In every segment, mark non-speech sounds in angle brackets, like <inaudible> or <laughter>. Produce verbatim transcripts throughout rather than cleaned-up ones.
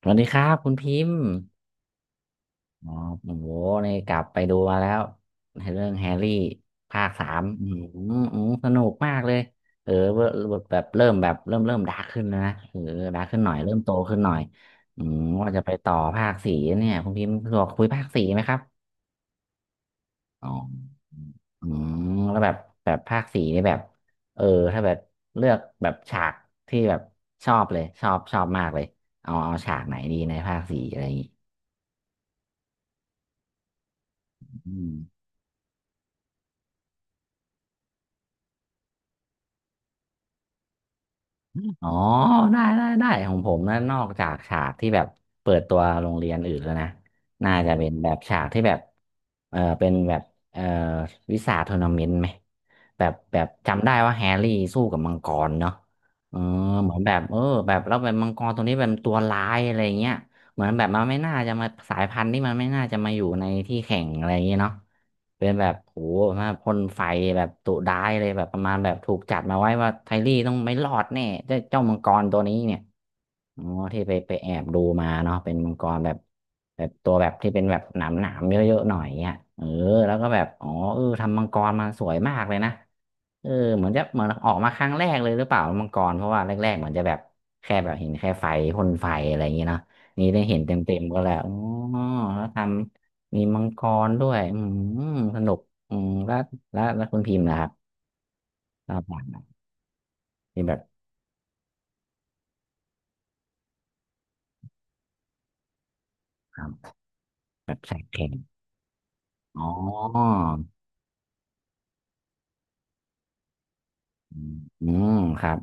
สวัสดีครับคุณพิมพ์อ๋อโอ้โหนี่กลับไปดูมาแล้วในเรื่องแฮร์รี่ภาคสามอืมอืมสนุกมากเลย เออเวอร์แบบแบบเริ่มแบบเริ่มเริ่มดาร์กขึ้นแล้วนะเออดาร์กขึ้นหน่อยเริ่มโตขึ้นหน่อยอืมว่าจะไปต่อภาคสี่เนี่ยคุณพิมพ์สะดวกคุยภาคสี่ไหมครับอ๋ออืมแล้วแบบแบบภาคสี่นี่แบบเออถ้าแบบเลือกแบบฉากที่แบบชอบเลยชอบชอบมากเลยเอาเอาฉากไหนดีในภาคสี่อะไรอย่างงี้อืม อ๋อได้ได้ได้ของผมนะนอกจากฉากที่แบบเปิดตัวโรงเรียนอื่นแล้วนะน่าจะเป็นแบบฉากที่แบบเออเป็นแบบเออวิสาทัวร์นาเมนต์ไหมแบบแบบจำได้ว่าแฮร์รี่สู้กับมังกรเนาะเออเหมือนแบบเออแบบแล้วแบบมังกรตัวนี้เป็นตัวร้ายอะไรเงี้ยเหมือนแบบมันไม่น่าจะมาสายพันธุ์นี่มันไม่น่าจะมาอยู่ในที่แข่งอะไรเงี้ยเนาะ เป็นแบบโหมาพ่นไฟแบบดุร้ายเลยแบบประมาณแบบถูกจัดมาไว้ว่าไทลี่ต้องไม่รอดแน่เจ้าเจ้ามังกรตัวนี้เนี่ยอ๋อที่ไปไปแอบดูมาเนาะเป็นมังกรแบบแบบตัวแบบที่เป็นแบบหนามหนามเยอะๆหน่อยเนี่ยเออแล้วก็แบบอ๋อเออทำมังกรมาสวยมากเลยนะเออเหมือนจะเหมือนออกมาครั้งแรกเลยหรือเปล่ามังกรเพราะว่าแรกๆเหมือนจะแบบแค่แบบเห็นแค่ไฟพ่นไฟอะไรอย่างเงี้เนาะนี่ได้เห็นเต็มๆก็แล้วอ๋อแล้วทำ มีมังกรด้วยอืมสนุกอืมแล้วแล้วแล้วคุณพิมพ์นะครับรอบหลังมีแบบครับแบบใส่แข่งอ๋ออืมอืมครับ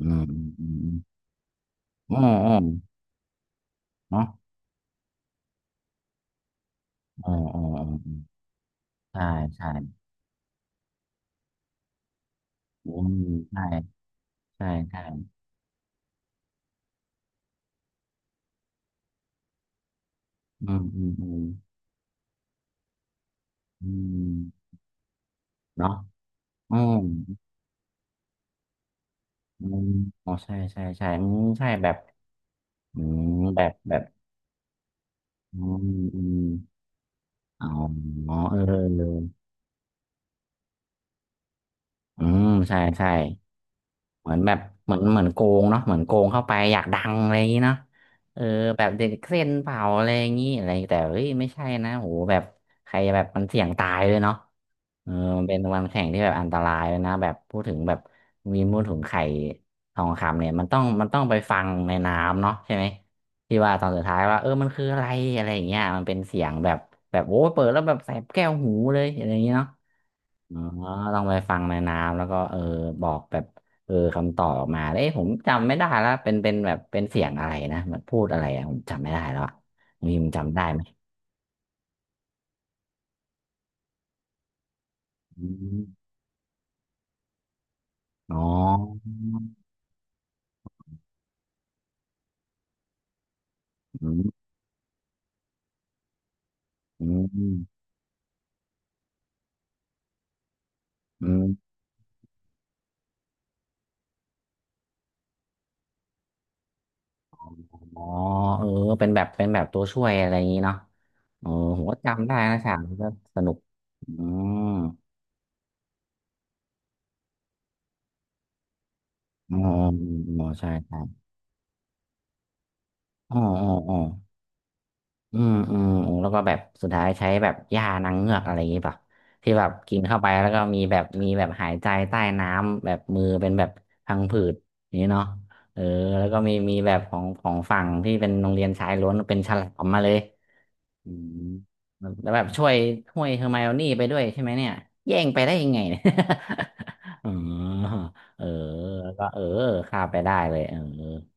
อืมอืมอืมอืมอืมเนาะออออเออเอมใช่ใช่อืมใช่ใช่ใช่อืมอืมอืมอืมเนาะอืมอืมอ๋อใช่ใช่ใช่อืมใช่แบบอืมแบบ แบบอืมอืมอ๋อเอออืมใช่ใช่ เหมือนแบบเหมือนเหมือนโกงเนาะเหมือนโกงเข้าไปอยากดังอะไรอย่างนี้เนาะเออแบบเด็กเส้นเผาอะไรอย่างนี้อะไรแต่เฮ้ยไม่ใช่นะโหแบบใครแบบมันเสี่ยงตายเลยเนาะเออมันเป็นวันแข่งที่แบบอันตรายเลยนะแบบพูดถึงแบบมีมูลถุงไข่ทองคำเนี่ยมันต้องมันต้องไปฟังในน้ำเนาะใช่ไหมที่ว่าตอนสุดท้ายว่าเออมันคืออะไรอะไรอย่างเงี้ยมันเป็นเสียงแบบแบบโอ้ยเปิดแล้วแบบแสบแก้วหูเลยอะไรอย่างเงี้ยเนาะ อ๋อต้องไปฟังในน้ำแล้วก็เออบอกแบบเออคำตอบออกมาเอ้ยผมจำไม่ได้แล้วเป็นเป็นแบบเป็นเสียงอะไรนะมันพูดอะไรอะผมจำไม่ได้แล้วอะมีมจำได้ไหมอืมอ๋ออืมอืมอืมอ๋อเออเป็นแบบเป็นแบบตัวช่วยอะไรอย่างนี้เนาะเออผมก็จำได้นะฉากนี้ก็สนุกอืมอ๋ออ๋อใช่ใช่อ๋ออ๋ออ๋อ อืมอืมอืมแล้วก็แบบสุดท้ายใช้แบบยานางเงือกอะไรอย่างงี้ป่ะที่แบบกินเข้าไปแล้วก็มีแบบมีแบบหายใจใต้น้ำแบบมือเป็นแบบพังผืดอย่างนี้เนาะเออแล้วก็มีมีแบบของของฝั่งที่เป็นโรงเรียนชายล้วนเป็นฉลามมาเลย อืมแล้วแบบช่วยช่วยเฮอร์ไมโอนี่ไปด้วยใช่ไหมเนี่ยแย่งไปได้ยังไงเนี่ย <laughs> อ๋อเออแล้วก็เออข้ามไปได้เลย เออ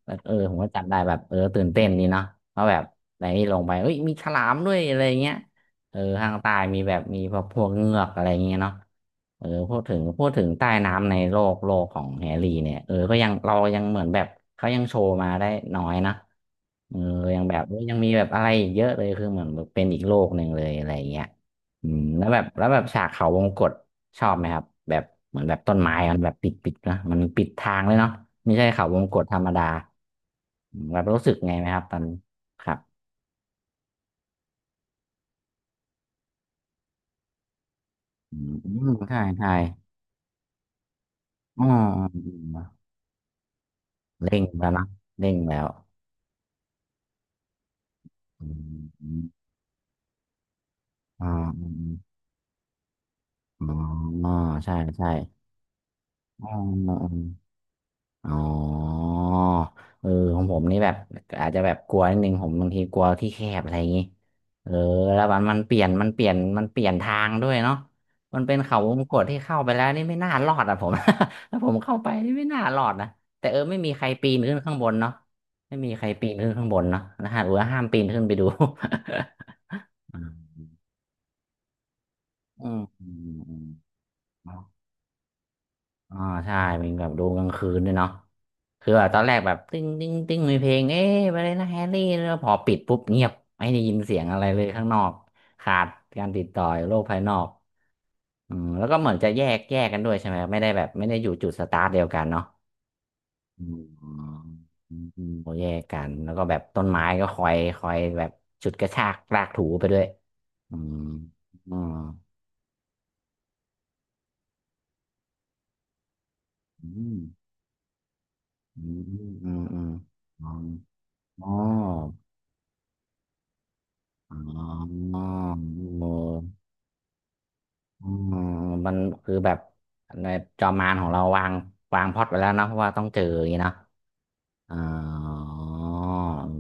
แล้วเออผมก็จำได้แบบเออตื่นเต้นดีเนาะเพราะแบบไนนี่ลงไป เอ้ย มีฉลามด้วยอะไรเงี้ย เออข้างใต้มีแบบมีพวกพวกเงือกอะไรอย่างเงี้ยเนาะเออพูดถึงพูดถึงใต้น้ำในโลกโลกของแฮร์รี่เนี่ยเออก็ยังเรายังเหมือนแบบเขายังโชว์มาได้น้อยนะเออยังแบบยังมีแบบอะไรอีกเยอะเลยคือเหมือนแบบเป็นอีกโลกหนึ่งเลยอะไรอย่างเงี้ยอืมแล้วแบบแล้วแบบฉากเขาวงกตชอบไหมครับแบบเหมือนแบบต้นไม้มันแบบปิดปิดนะมันปิดทางเลยเนาะไม่ใช่เขาวงกตธรรมดาอืมแบบรู้สึกไงไหมครับตอนครับอืมใช่ใช่ อ่าเร่งแล้วนะเร่งแล้วอืมอ่าอืมอ๋อใช่ใช่อ๋ออ๋อเออของผมนี่แบบอาจจะแบบกลัวนิดนึงผมบางทีกลัวที่แคบอะไรอย่างงี้เออแล้วมันมันเปลี่ยนมันเปลี่ยน มันเปลี่ยนทางด้วยเนาะมันเป็นเขาวงกตที่เข้าไปแล้วนี่ไม่น่ารอดอ่ะผม <laughs> ถ้าผมเข้าไปนี่ไม่น่ารอดนะแต่เออไม่มีใครปีนขึ้นข้างบนเนาะไม่มีใครปีนขึ้นข้างบนเนาะนะฮะหรือว่าห้ามปีนขึ้นไปดู อ่าอืมอืมอืมเนาะอ่าใช่เป็นแบบดูกลางคืนด้วยเนาะคือแบบตอนแรกแบบติ้งติ้งติ้งมีเพลงเอ๊ะไปเลยนะแฮร์รี่แล้วพอปิดปุ๊บเงียบไม่ได้ยินเสียงอะไรเลยข้างนอกขาดการติดต่อโลกภายนอกอืมแล้วก็เหมือนจะแยกแยกกันด้วยใช่ไหมไม่ได้แบบไม่ได้อยู่จุดสตาร์ทเดียวกันเนาะอืมอืมอืมโอแยกกันแล้วก็แบบต้นไม้ก็คอยคอยแบบฉุดกระชากลากถูไปด้วยอืมอืมอืม อืมอืมอืมอ๋ออ๋ออ๋อเอออืมมันคือแบบในจอมมารของเราวางวางพล็อตไว้แล้วเนาะเพราะว่าต้องเจออย่างนี้เนาะอ๋อ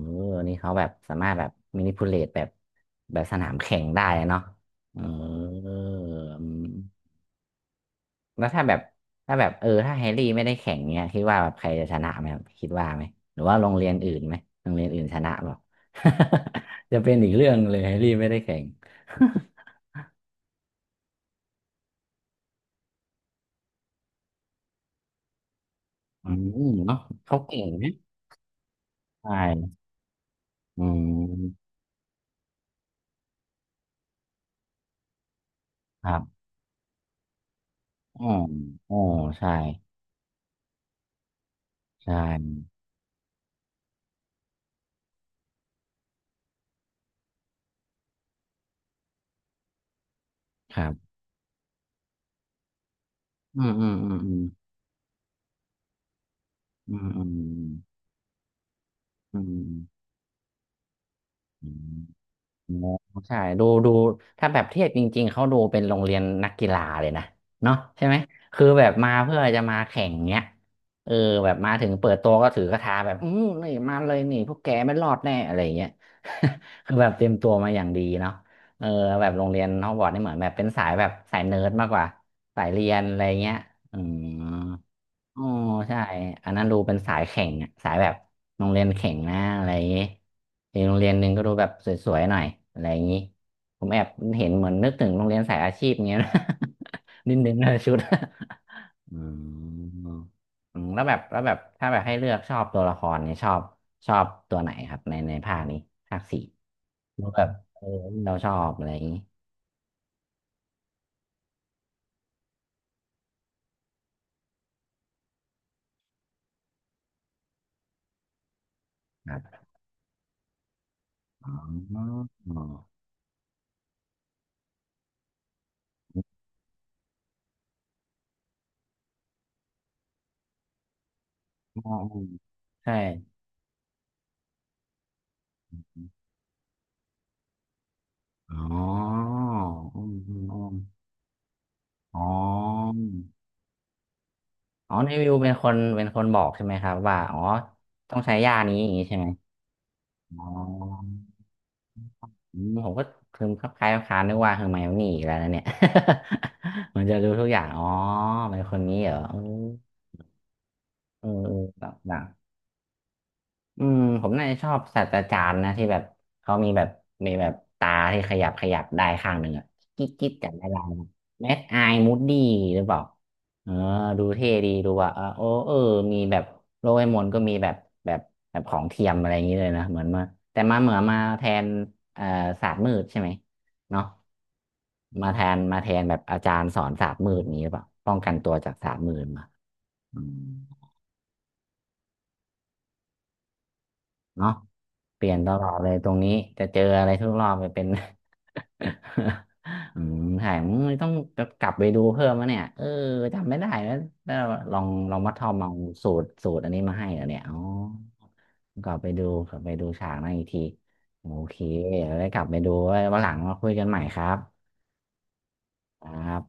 เออนี่เขาแบบสามารถแบบมินิพูเลตแบบแบบสนามแข่งได้เนาะเออ แล้วถ้าแบบถ้าแบบเออถ้าแฮร์รี่ไม่ได้แข่งเนี้ยคิดว่าแบบใครจะชนะไหมครับคิดว่าไหมหรือว่าโรงเรียนอื่นไหมโรงเรียนอื่นชนะเปล่า <laughs> จะเป็นอีกเรื่องเลยแฮร์รี่ไม่ได้แข่ง <laughs> อืมเนาะเขาเก่งนะใช่อืมครับอ๋ออ๋อใช่ใช่ครับอืมอืมอืมอืมอืมอืมอืมอืม อ๋อใช่ดูดูถ้าแบบเทียบจริงๆเขาดูเป็นโรงเรียนนักกีฬาเลยนะเนาะใช่ไหมคือแบบมาเพื่อจะมาแข่งเนี้ยเออแบบมาถึงเปิดตัวก็ถือกระทาแบบอืมนี่มาเลยนี่พวกแกไม่รอดแน่อะไรอย่างเงี้ย <laughs> คือแบบเตรียมตัวมาอย่างดีเนาะเออแบบโรงเรียนฮอกวอตส์นี่เหมือนแบบเป็นสายแบบสายเนิร์ดมากกว่าสายเรียนอะไรเงี้ยอืม อ๋อใช่อันนั้นดูเป็นสายแข่งอะสายแบบโรงเรียนแข่งนะอะไรอย่างงี้อีกโรงเรียนหนึ่งก็ดูแบบสวยๆหน่อยอะไรอย่างงี้ผมแอบเห็นเหมือนนึกถึงโรงเรียนสายอาชีพเงี้ยนะ <laughs> นิดนึงนะชุดอืมอืมแล้วแบบแล้วแบบถ้าแบบให้เลือกชอบตัวละครเนี่ยชอบชอบตัวไหนครับในในภาคนี้ภาคสี่ดูแบบเออเราชอบอะไรอย่างงี้ครับอ๋ออ๋ออ๋อใช่อ๋ออืมอืมอืม อ๋ออ๋อในวิวเป็นคนเป็นคนบอกใช่ไหมครับว่าอ๋อต้องใช้ยานี้อย่างนี้ใช่ไหมอ๋ออืมผมก็คือคลับคล้ายคล้ายนึกว่าเฮอร์ไมโอนี่อีกแล้วนะเนี่ย <laughs> เหมือนจะรู้ทุกอย่างอ๋อเป็นคนนี้เหรอเออเออเออ อืมผมน่าจะชอบศาสตราจารย์นะที่แบบเขามีแบบมีแบบตาที่ขยับขยับได้ข้างหนึ่งอะกิ๊กกิ๊กกันได้ลายแมทไอมูดดี้หรือเปล่าเออดูเท่ดีดูว่าเออโอ้เออมีแบบโลเอมอนก็มีแบบแบบแบบของเทียมอะไรอย่างนี้เลยนะเหมือนมาแต่มาเหมือนมาแทนเอ่อศาสตร์มืดใช่ไหมเนาะมาแทนมาแทนแบบอาจารย์สอนศาสตร์มืดนี้หรือเปล่าป้องกันตัวจากศาสตร์มืดมาอืมเนาะ เปลี่ยนตลอดเลยตรงนี้จะเจออะไรทุกรอบไปเป็น <laughs> อืมถ่ายมึงต้องกลับไปดูเพิ่มนะเนี่ยเออจำไม่ได้แล้วแล้วลองลองมาทอมเอาสูตรสูตรอันนี้มาให้เหรอเนี่ยอ๋อกลับไปดูกลับไปดูฉากนั้นอีกทีโอเคเดี๋ยวได้กลับไปดูไว้วันหลังมาคุยกันใหม่ครับครับ